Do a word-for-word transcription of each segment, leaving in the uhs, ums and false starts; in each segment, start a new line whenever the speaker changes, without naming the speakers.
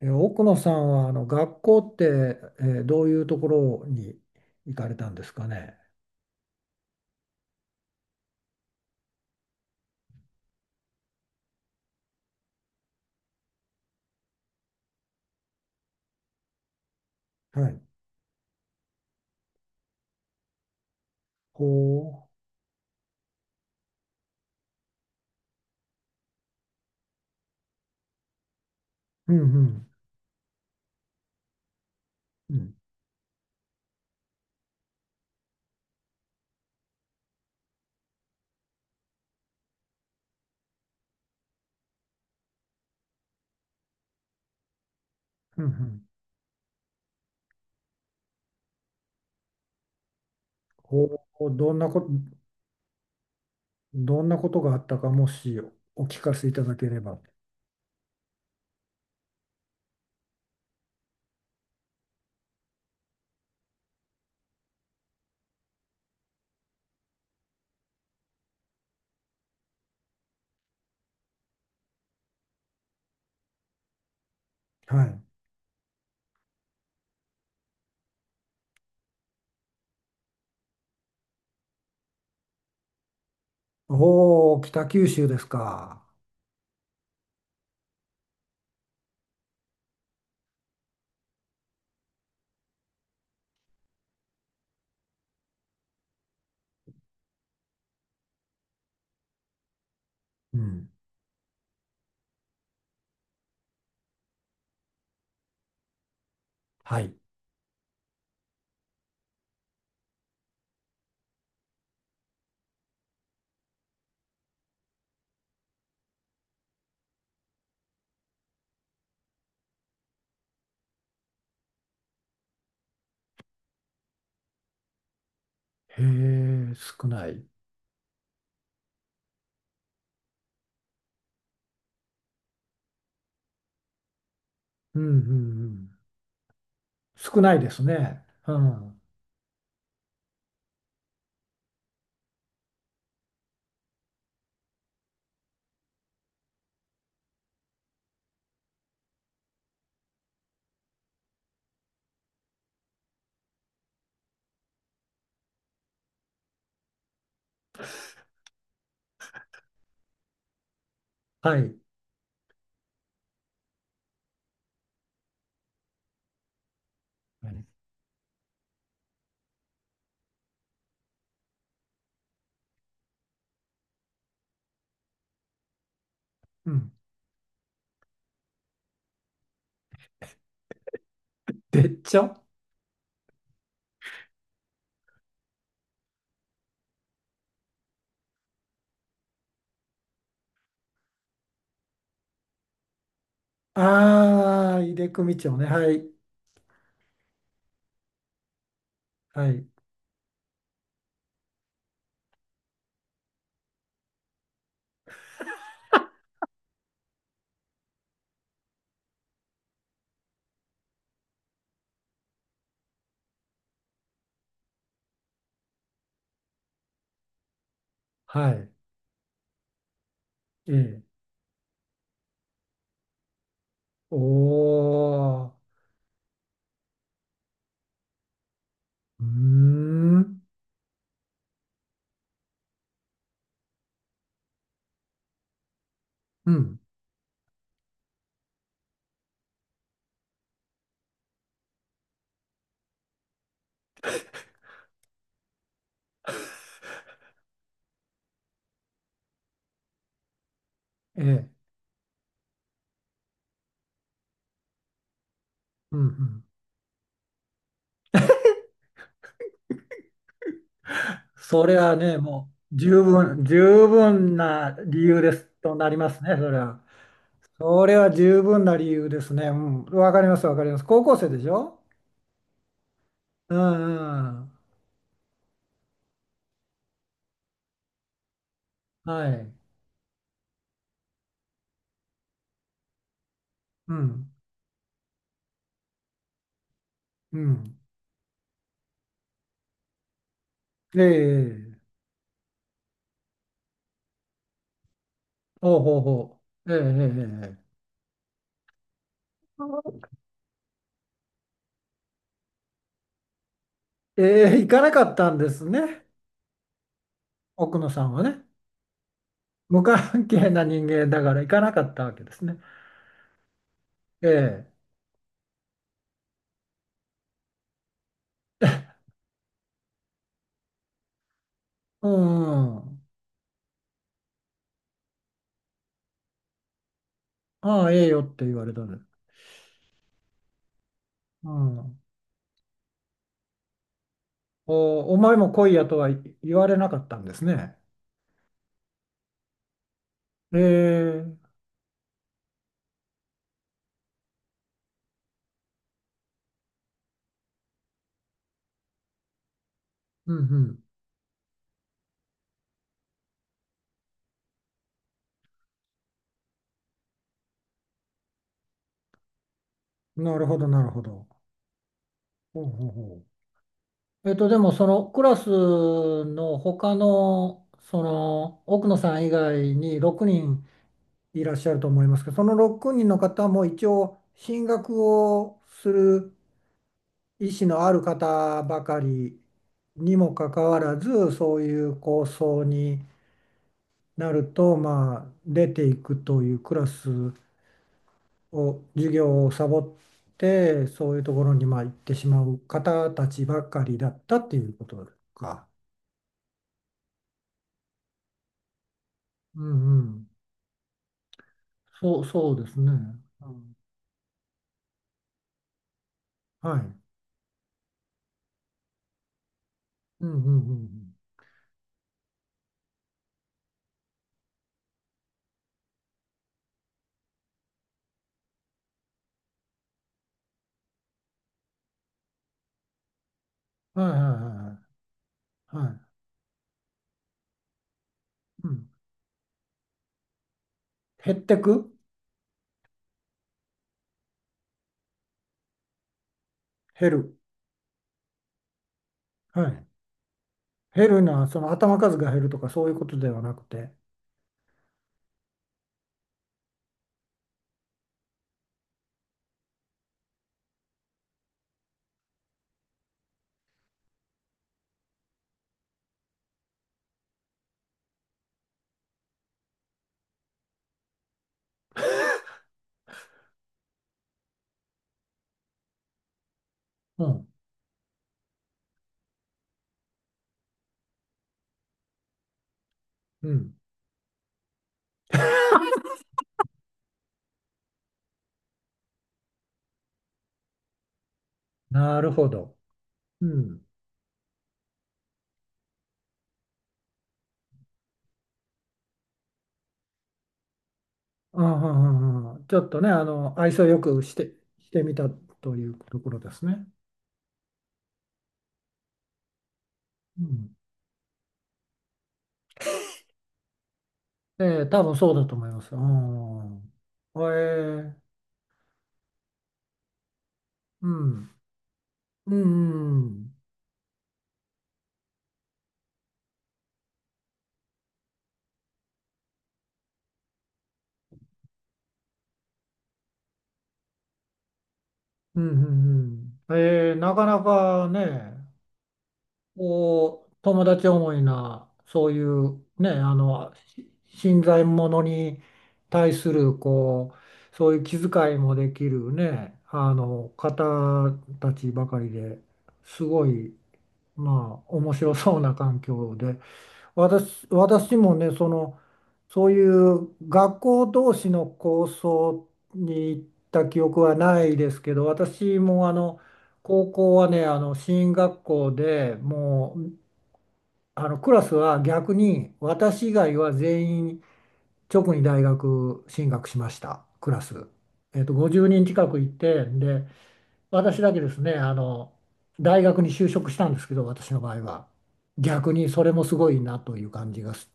え、奥野さんはあの学校って、えーどういうところに行かれたんですかね。はい。ほう。うんうん。うん。うんうん。ほう。どんなこ、どんなことがあったか、もしお聞かせいただければ。はい。おお、北九州ですか。うん。はい。へえ、少ない。うんうんうん。少ないですね。うん。はい。うん。別町。ああ、井手組長ね。はい。はい。はい。ええ。おー。うーん。うん。ええ。うんうん。それはね、もう十分、十分な理由ですとなりますね、それは。それは十分な理由ですね。うん。わかります、わかります。高校生でしょ？うんうん。はい。うん。うん。ええ。ほうほうほう。ええ。ええ。ええ、ええ、行かなかったんですね、奥野さんはね。無関係な人間だから行かなかったわけですね。ええ。うん、うん。ああ、ええよって言われたの。うん。お、お前も来いやとは言われなかったんですね。ええ。うんうん。なるほど、なるほど。ほうほうほう。えっと、でもそのクラスの他の、その奥野さん以外にろくにんいらっしゃると思いますけど、そのろくにんの方も一応進学をする意思のある方ばかりにもかかわらず、そういう構想になるとまあ出ていくというクラスを、授業をサボって、そういうところにまあ行ってしまう方たちばかりだったっていうことか。うんうん。そう、そうですね。うん、はい。うんうんうんうん。はいはいはいはい。はい、うん、減ってく、減る。はい。減るのは、その頭数が減るとかそういうことではなくて。うんうん。なるほど。うん。あははははちょっとね、あの、愛想よくして、してみたというところですね。うん。えー、多分そうだと思います。うん。えー、うん。うん、うん。うん、うん、うん。えー、なかなかね、こう友達思いな、そういうね、あのし新参者に対するこう、そういう気遣いもできるね、あの方たちばかりで、すごい、まあ面白そうな環境で。私、私もね、そのそういう学校同士の構想に行った記憶はないですけど、私も、あの高校はね、あの進学校で、もうあのクラスは逆に、私以外は全員直に大学進学しましたクラス、えっと、ごじゅうにん近くいて、で私だけですね、あの大学に就職したんですけど、私の場合は。逆にそれもすごいなという感じがす、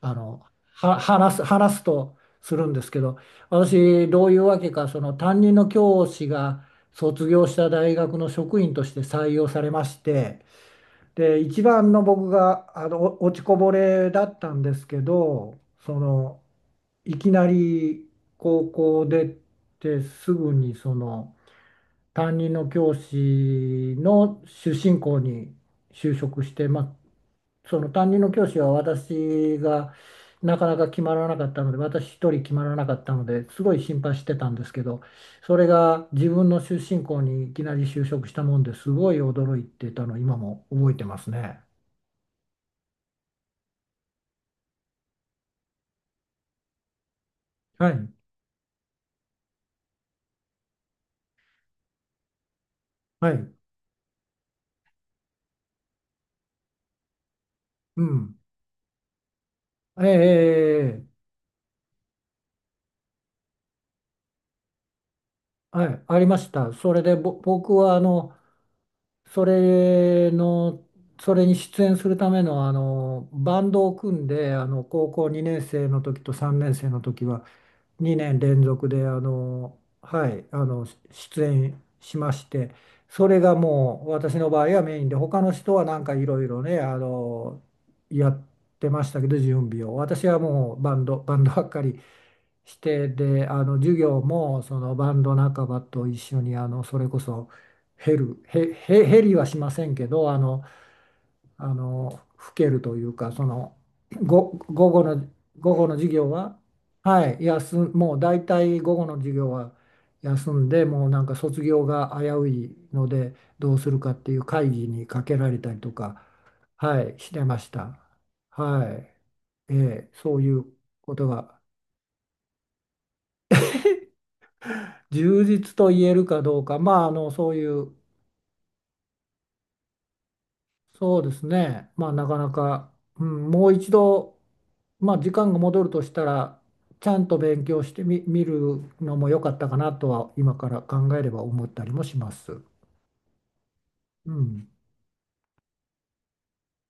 あのは話す、話すとするんですけど、私どういうわけか、その担任の教師が卒業した大学の職員として採用されまして。で、一番の僕が、あのお落ちこぼれだったんですけど、そのいきなり高校出てすぐにその担任の教師の出身校に就職して、まあ、その担任の教師は、私がなかなか決まらなかったので、私一人決まらなかったので、すごい心配してたんですけど、それが自分の出身校にいきなり就職したもんで、すごい驚いてたの、今も覚えてますね。はい、はい、うん。ええ、ええ、ええ、はい、ありました。それで、ぼ、僕は、あの、それの、それに出演するための、あの、バンドを組んで、あの、高校にねん生の時とさんねん生の時は、にねん連続で、あの、はい、あの、し出演しまして、それがもう、私の場合はメインで、他の人はなんかいろいろね、あの、やってましたけど、準備を。私はもう、バンド、バンドばっかり。してで、あの授業も、そのバンド仲間と一緒に、あのそれこそ、ヘルヘ、ヘ、ヘリはしませんけど、あの、あの吹けるというか、そのご午後の、午後の授業は、はい、休んもう大体午後の授業は休んで、もうなんか卒業が危ういのでどうするかっていう会議にかけられたりとか、はい、してました。はい、ええ、そういうことが、充実と言えるかどうか、まあ、あの、そういう、そうですね、まあ、なかなか、うん、もう一度、まあ、時間が戻るとしたら、ちゃんと勉強してみ、見るのも良かったかなとは、今から考えれば思ったりもします。うん。